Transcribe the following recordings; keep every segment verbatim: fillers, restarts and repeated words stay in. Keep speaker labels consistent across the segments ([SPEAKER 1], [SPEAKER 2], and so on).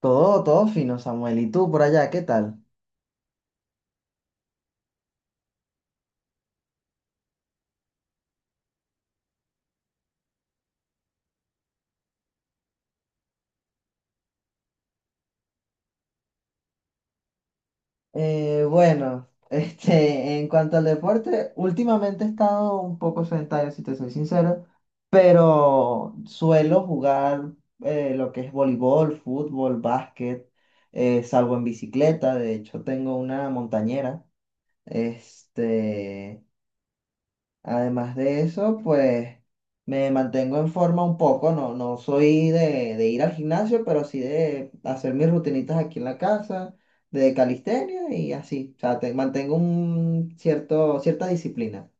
[SPEAKER 1] Todo, todo fino, Samuel. ¿Y tú por allá, qué tal? Eh, bueno, este, en cuanto al deporte, últimamente he estado un poco sedentario, si te soy sincero, pero suelo jugar eh, lo que es voleibol, fútbol, básquet, eh, salgo en bicicleta, de hecho tengo una montañera, este, además de eso, pues me mantengo en forma un poco, no, no soy de, de ir al gimnasio, pero sí de hacer mis rutinitas aquí en la casa, de calistenia y así. O sea, te, mantengo un cierto, cierta disciplina.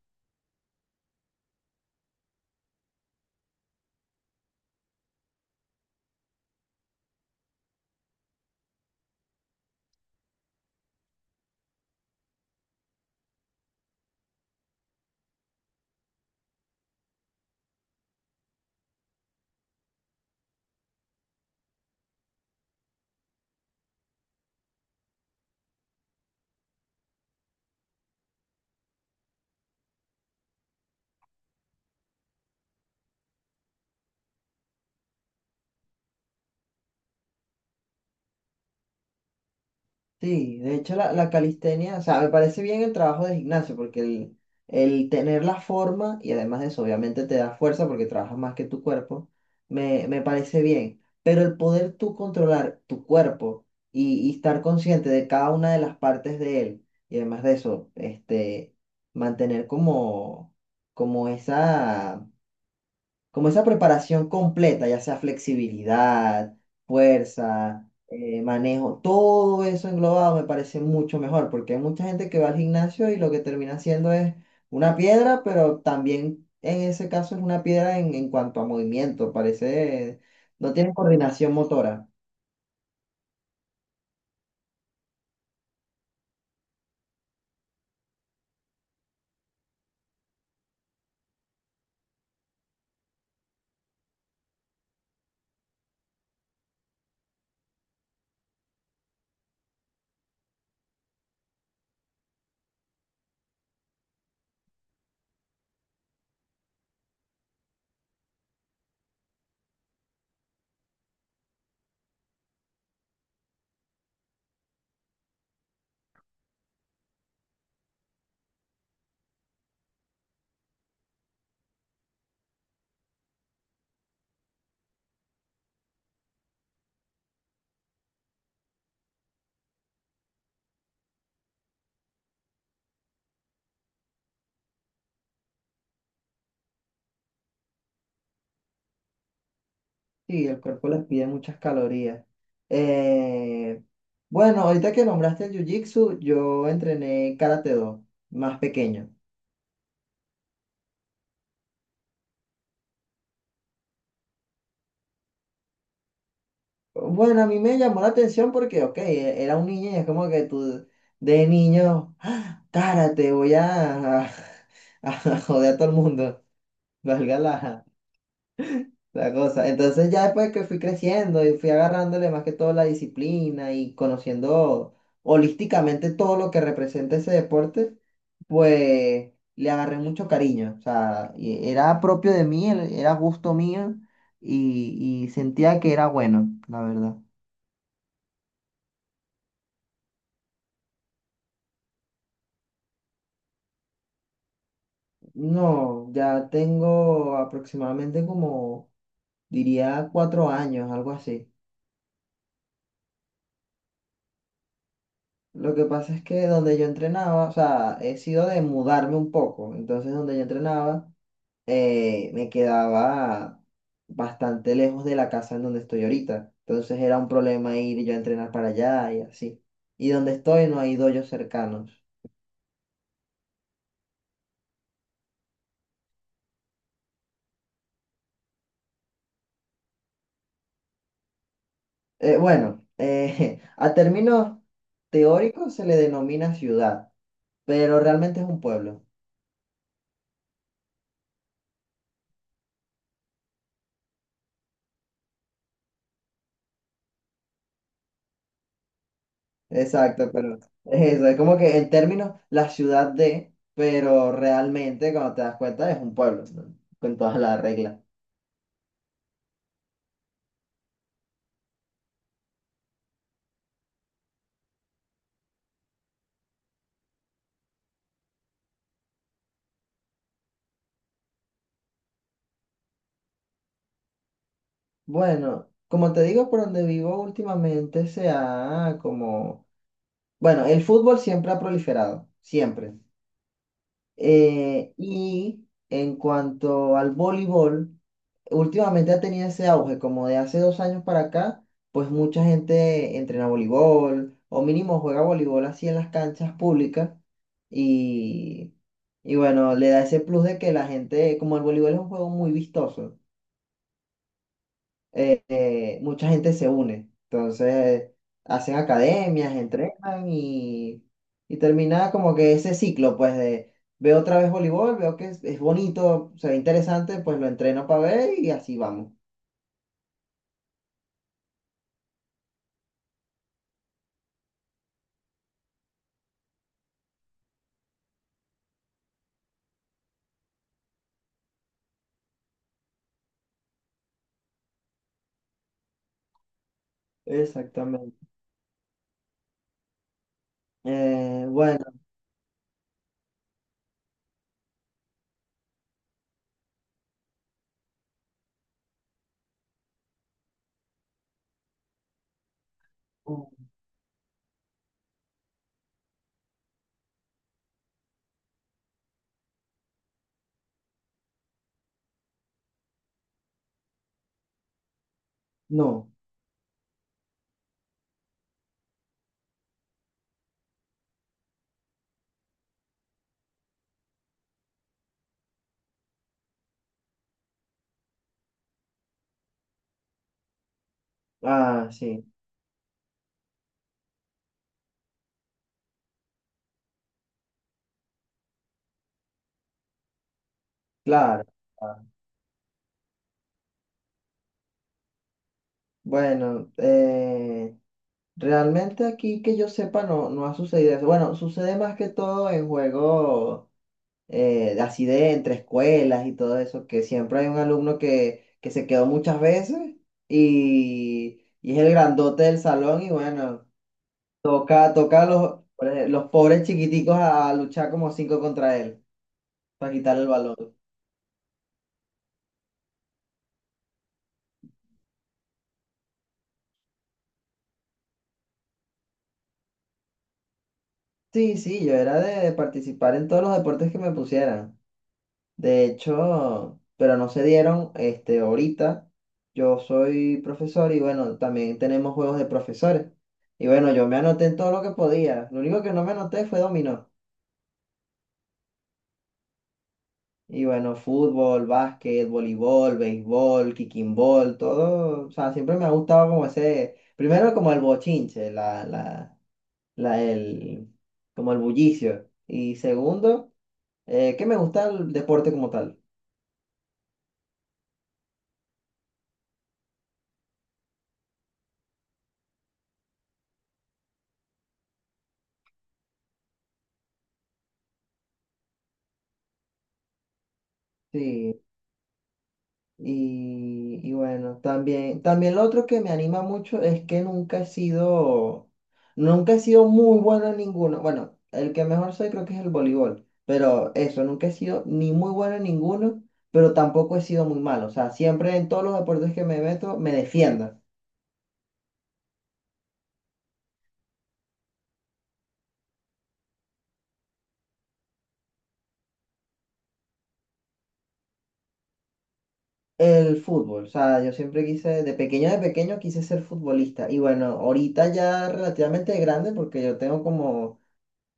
[SPEAKER 1] Sí, de hecho la, la calistenia, o sea, me parece bien el trabajo de gimnasio porque el, el tener la forma y además de eso obviamente te da fuerza porque trabajas más que tu cuerpo, me, me parece bien, pero el poder tú controlar tu cuerpo y, y estar consciente de cada una de las partes de él y además de eso, este, mantener como, como esa como esa preparación completa, ya sea flexibilidad, fuerza, eh, manejo, todo eso englobado me parece mucho mejor, porque hay mucha gente que va al gimnasio y lo que termina haciendo es una piedra, pero también en ese caso es una piedra en, en cuanto a movimiento, parece, no tiene coordinación motora. Sí, el cuerpo les pide muchas calorías. Eh, bueno, ahorita que nombraste el Jiu-Jitsu, yo entrené Karate Do, más pequeño. Bueno, a mí me llamó la atención porque, ok, e- era un niño y es como que tú de niño, ¡ah! Cara, te voy a, a, a joder a todo el mundo, valga la, la cosa. Entonces ya después que fui creciendo y fui agarrándole más que todo la disciplina y conociendo holísticamente todo lo que representa ese deporte, pues le agarré mucho cariño. O sea, y era propio de mí, era gusto mío y, y sentía que era bueno, la verdad. No, ya tengo aproximadamente como, diría, cuatro años, algo así. Lo que pasa es que donde yo entrenaba, o sea, he sido de mudarme un poco. Entonces, donde yo entrenaba, eh, me quedaba bastante lejos de la casa en donde estoy ahorita. Entonces, era un problema ir yo a entrenar para allá y así. Y donde estoy no hay doyos cercanos. Eh, bueno, eh, a términos teóricos se le denomina ciudad, pero realmente es un pueblo. Exacto, pero es eso, es como que en términos la ciudad de, pero realmente cuando te das cuenta es un pueblo, ¿no? Con todas las reglas. Bueno, como te digo, por donde vivo últimamente se ha como, bueno, el fútbol siempre ha proliferado, siempre. Eh, y en cuanto al voleibol, últimamente ha tenido ese auge, como de hace dos años para acá, pues mucha gente entrena voleibol o mínimo juega voleibol así en las canchas públicas y, y bueno, le da ese plus de que la gente, como el voleibol es un juego muy vistoso, eh, eh, mucha gente se une, entonces hacen academias, entrenan y, y termina como que ese ciclo, pues de... Veo otra vez voleibol, veo que es, es bonito, se ve interesante, pues lo entreno para ver y así vamos. Exactamente. Eh, bueno, no. Ah, sí, claro. Ah, bueno, eh, realmente aquí que yo sepa no, no ha sucedido eso. Bueno, sucede más que todo en juegos eh, de así de entre escuelas y todo eso, que siempre hay un alumno que, que se quedó muchas veces y, y es el grandote del salón y bueno, toca, toca a los, los pobres chiquiticos a, a luchar como cinco contra él para quitarle el balón. Sí, sí, yo era de de participar en todos los deportes que me pusieran. De hecho, pero no se dieron, este, ahorita yo soy profesor y bueno, también tenemos juegos de profesores. Y bueno, yo me anoté en todo lo que podía. Lo único que no me anoté fue dominó. Y bueno, fútbol, básquet, voleibol, béisbol, kicking ball, todo. O sea, siempre me ha gustado como ese, primero como el bochinche, la, la, la, el, como el bullicio. Y segundo... eh, que me gusta el deporte como tal. Sí, y, y bueno, también, también lo otro que me anima mucho es que nunca he sido, nunca he sido muy bueno en ninguno. Bueno, el que mejor soy creo que es el voleibol, pero eso, nunca he sido ni muy bueno en ninguno, pero tampoco he sido muy malo. O sea, siempre en todos los deportes que me meto me defiendo. El fútbol, o sea, yo siempre quise, de pequeño de pequeño quise ser futbolista. Y bueno, ahorita ya relativamente grande, porque yo tengo como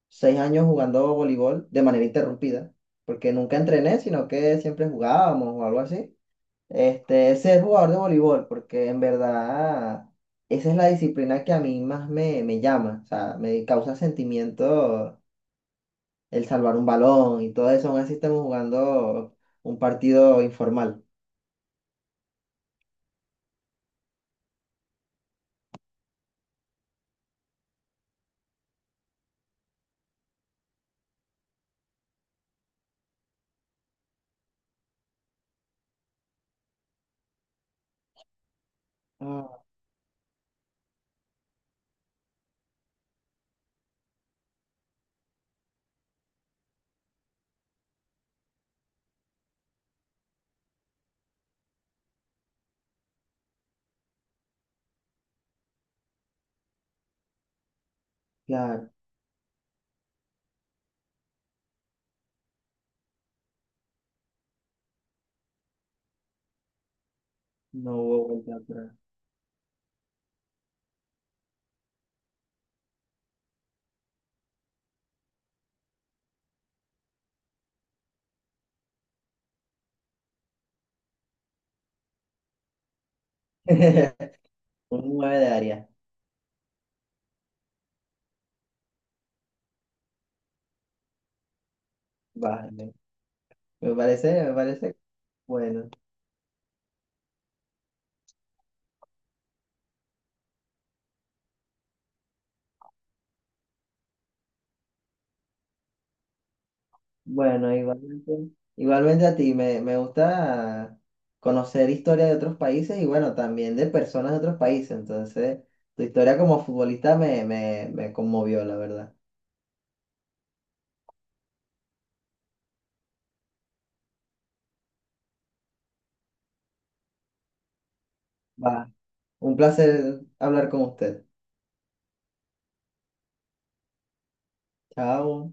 [SPEAKER 1] seis años jugando voleibol de manera interrumpida, porque nunca entrené, sino que siempre jugábamos o algo así. Este, ser jugador de voleibol, porque en verdad esa es la disciplina que a mí más me, me llama, o sea, me causa sentimiento el salvar un balón y todo eso, aún así estamos jugando un partido informal. Ah, claro, no hubo vuelta atrás. Un nueve de área, vale. Me parece, me parece bueno. Bueno, igualmente, igualmente a ti, me, me gusta conocer historia de otros países y bueno, también de personas de otros países. Entonces, tu historia como futbolista me, me, me conmovió, la verdad. Va, un placer hablar con usted. Chao.